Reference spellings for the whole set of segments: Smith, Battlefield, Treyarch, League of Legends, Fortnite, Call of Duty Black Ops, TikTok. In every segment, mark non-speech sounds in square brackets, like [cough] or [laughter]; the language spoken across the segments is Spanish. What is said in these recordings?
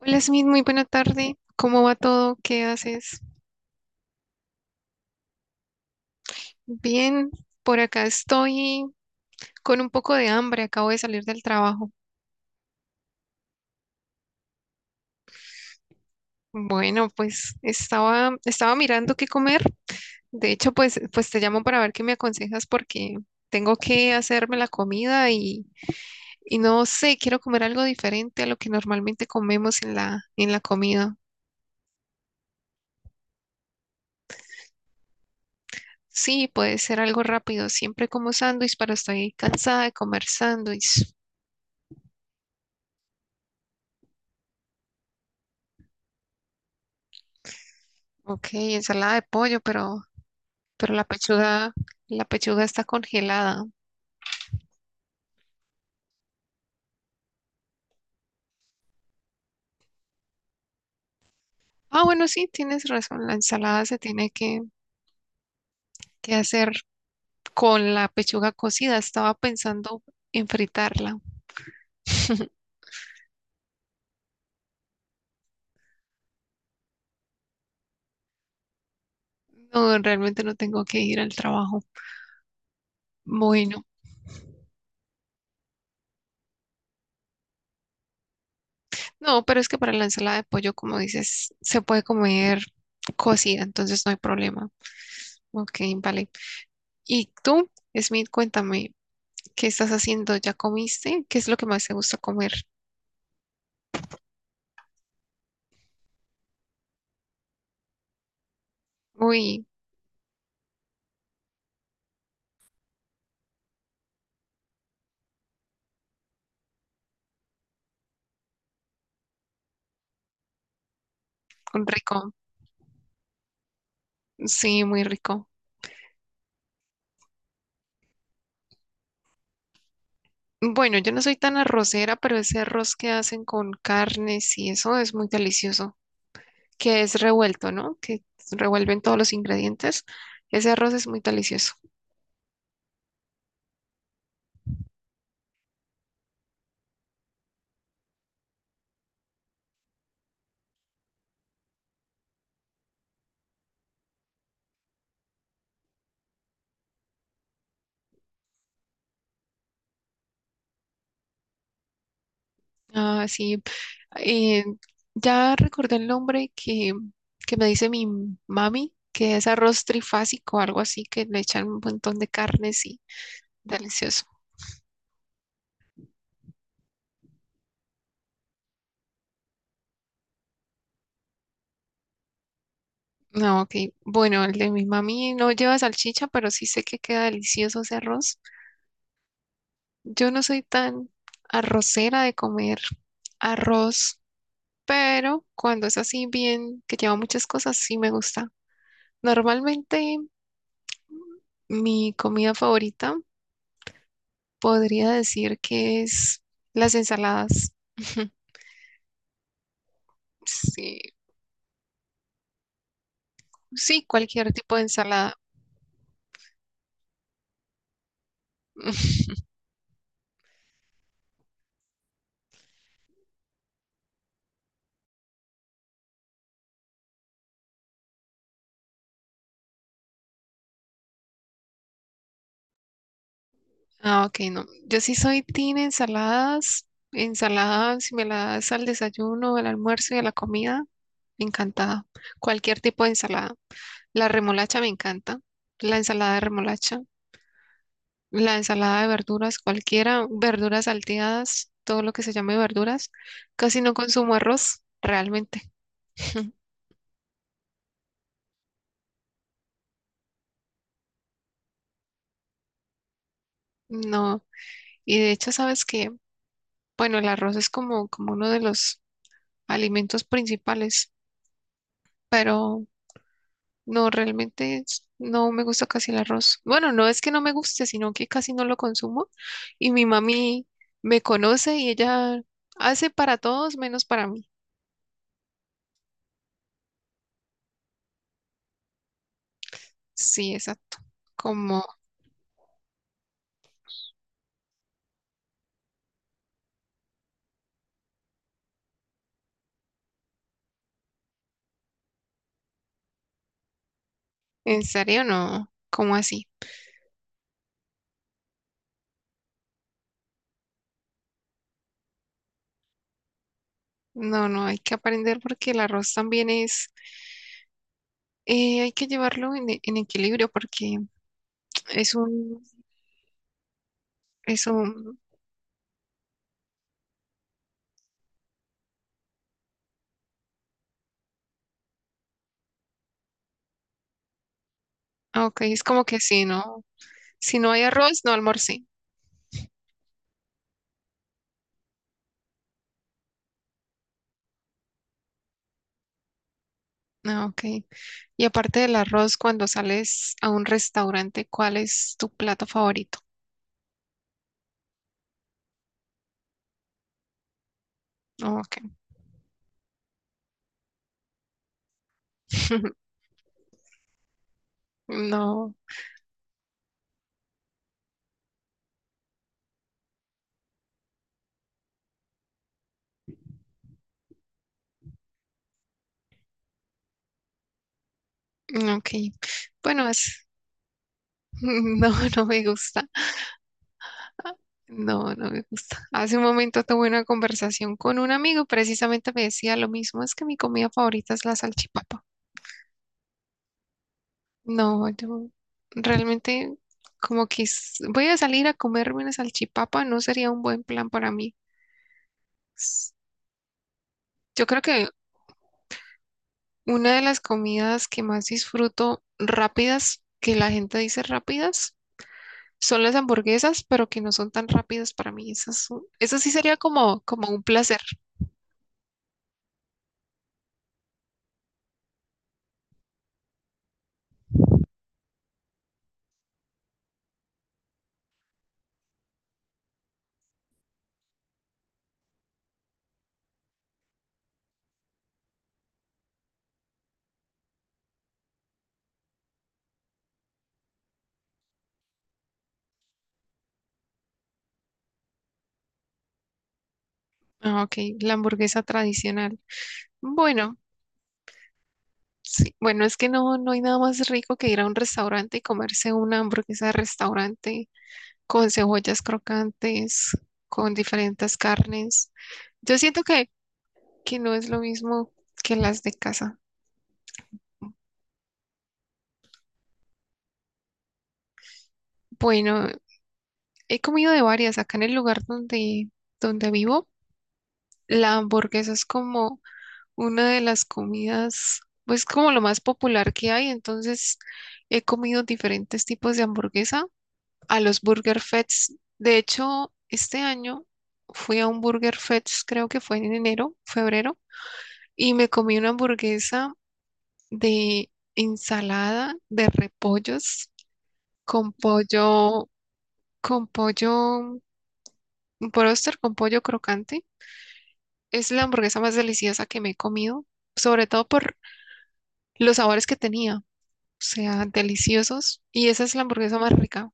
Hola Smith, muy buena tarde. ¿Cómo va todo? ¿Qué haces? Bien, por acá estoy con un poco de hambre, acabo de salir del trabajo. Bueno, pues estaba mirando qué comer. De hecho, pues te llamo para ver qué me aconsejas porque tengo que hacerme la comida y no sé, quiero comer algo diferente a lo que normalmente comemos en la comida. Sí, puede ser algo rápido. Siempre como sándwich, pero estoy cansada de comer sándwich. Ok, ensalada de pollo, pero la pechuga está congelada. Ah, bueno, sí, tienes razón, la ensalada se tiene que hacer con la pechuga cocida. Estaba pensando en fritarla. [laughs] No, realmente no tengo que ir al trabajo. Bueno, no, pero es que para la ensalada de pollo, como dices, se puede comer cocida, entonces no hay problema. Ok, vale. ¿Y tú, Smith, cuéntame, qué estás haciendo? ¿Ya comiste? ¿Qué es lo que más te gusta comer? Uy, rico. Sí, muy rico. Bueno, yo no soy tan arrocera, pero ese arroz que hacen con carnes y eso es muy delicioso, que es revuelto, ¿no? Que revuelven todos los ingredientes. Ese arroz es muy delicioso. Ah, sí. Eh, ya recordé el nombre que me dice mi mami, que es arroz trifásico, algo así, que le echan un montón de carnes y delicioso. No, ok. Bueno, el de mi mami no lleva salchicha, pero sí sé que queda delicioso ese arroz. Yo no soy tan arrocera de comer arroz, pero cuando es así bien, que lleva muchas cosas, sí me gusta. Normalmente mi comida favorita podría decir que es las ensaladas. Sí, sí, cualquier tipo de ensalada. [laughs] Ah, ok, no. Yo sí soy team ensaladas. Ensaladas, si me la das al desayuno, al almuerzo y a la comida, encantada. Cualquier tipo de ensalada. La remolacha me encanta. La ensalada de remolacha. La ensalada de verduras, cualquiera. Verduras salteadas, todo lo que se llame verduras. Casi no consumo arroz, realmente. [laughs] No. Y de hecho, sabes que, bueno, el arroz es como uno de los alimentos principales, pero no, realmente es- no me gusta casi el arroz. Bueno, no es que no me guste, sino que casi no lo consumo. Y mi mami me conoce y ella hace para todos menos para mí. Sí, exacto. Como, ¿en serio no? ¿Cómo así? No, no, hay que aprender porque el arroz también es, hay que llevarlo en, e- en equilibrio porque es es un, ah, ok, es como que si no, si no hay arroz, no almorcé. Ah, ok. Y aparte del arroz, cuando sales a un restaurante, ¿cuál es tu plato favorito? Ah, ok. [laughs] No, ok. Bueno, es, [laughs] no, no me gusta. No, no me gusta. Hace un momento tuve una conversación con un amigo, precisamente me decía lo mismo, es que mi comida favorita es la salchipapa. No, yo realmente como que s- voy a salir a comerme una salchipapa, no sería un buen plan para mí. S- Yo creo que una de las comidas que más disfruto rápidas, que la gente dice rápidas, son las hamburguesas, pero que no son tan rápidas para mí. Eso sí sería como un placer. Ah, ok, la hamburguesa tradicional. Bueno, sí, bueno, es que no, no hay nada más rico que ir a un restaurante y comerse una hamburguesa de restaurante con cebollas crocantes, con diferentes carnes. Yo siento que no es lo mismo que las de casa. Bueno, he comido de varias. Acá en el lugar donde vivo, la hamburguesa es como una de las comidas, pues como lo más popular que hay. Entonces, he comido diferentes tipos de hamburguesa a los Burger Fest. De hecho, este año fui a un Burger Fest, creo que fue en enero, febrero, y me comí una hamburguesa de ensalada de repollos con pollo, con pollo, un bróster con pollo crocante. Es la hamburguesa más deliciosa que me he comido, sobre todo por los sabores que tenía, o sea, deliciosos, y esa es la hamburguesa más rica.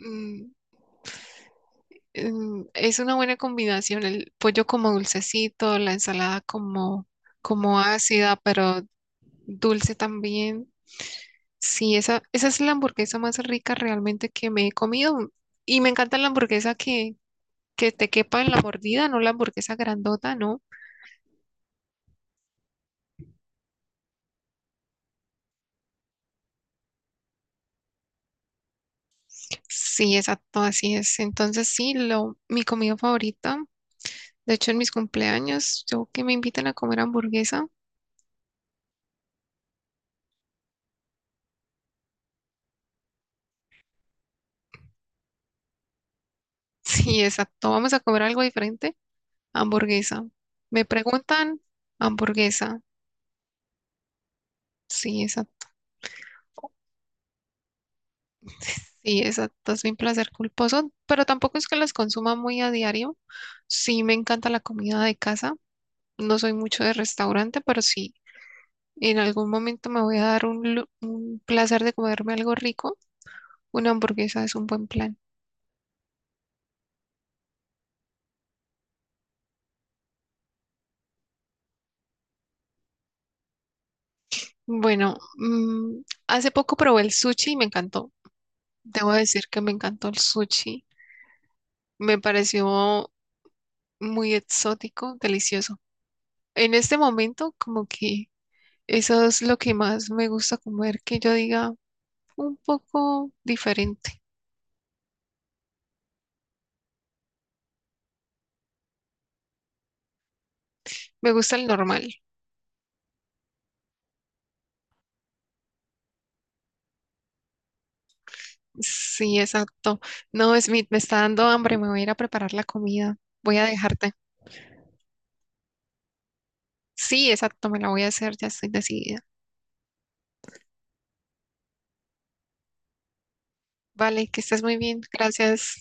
Mm, mm, es una buena combinación, el pollo como dulcecito, la ensalada como, como ácida, pero dulce también. Sí, esa es la hamburguesa más rica realmente que me he comido. Y me encanta la hamburguesa que te quepa en la mordida, no la hamburguesa grandota, ¿no? Sí, exacto, así es. Entonces sí, lo, mi comida favorita. De hecho, en mis cumpleaños, yo que me invitan a comer hamburguesa. [laughs] Sí, exacto. Vamos a comer algo diferente. Hamburguesa. Me preguntan, hamburguesa. Sí, esa, [laughs] sí, esa es mi placer culposo, pero tampoco es que las consuma muy a diario. Sí, me encanta la comida de casa. No soy mucho de restaurante, pero sí, en algún momento me voy a dar un, lu- un placer de comerme algo rico. Una hamburguesa es un buen plan. Bueno, mm, hace poco probé el sushi y me encantó. Debo decir que me encantó el sushi. Me pareció muy exótico, delicioso. En este momento, como que eso es lo que más me gusta comer, que yo diga un poco diferente. Me gusta el normal. Sí, exacto. No, Smith, me está dando hambre, me voy a ir a preparar la comida. Voy a dejarte. Sí, exacto, me la voy a hacer, ya estoy decidida. Vale, que estés muy bien. Gracias.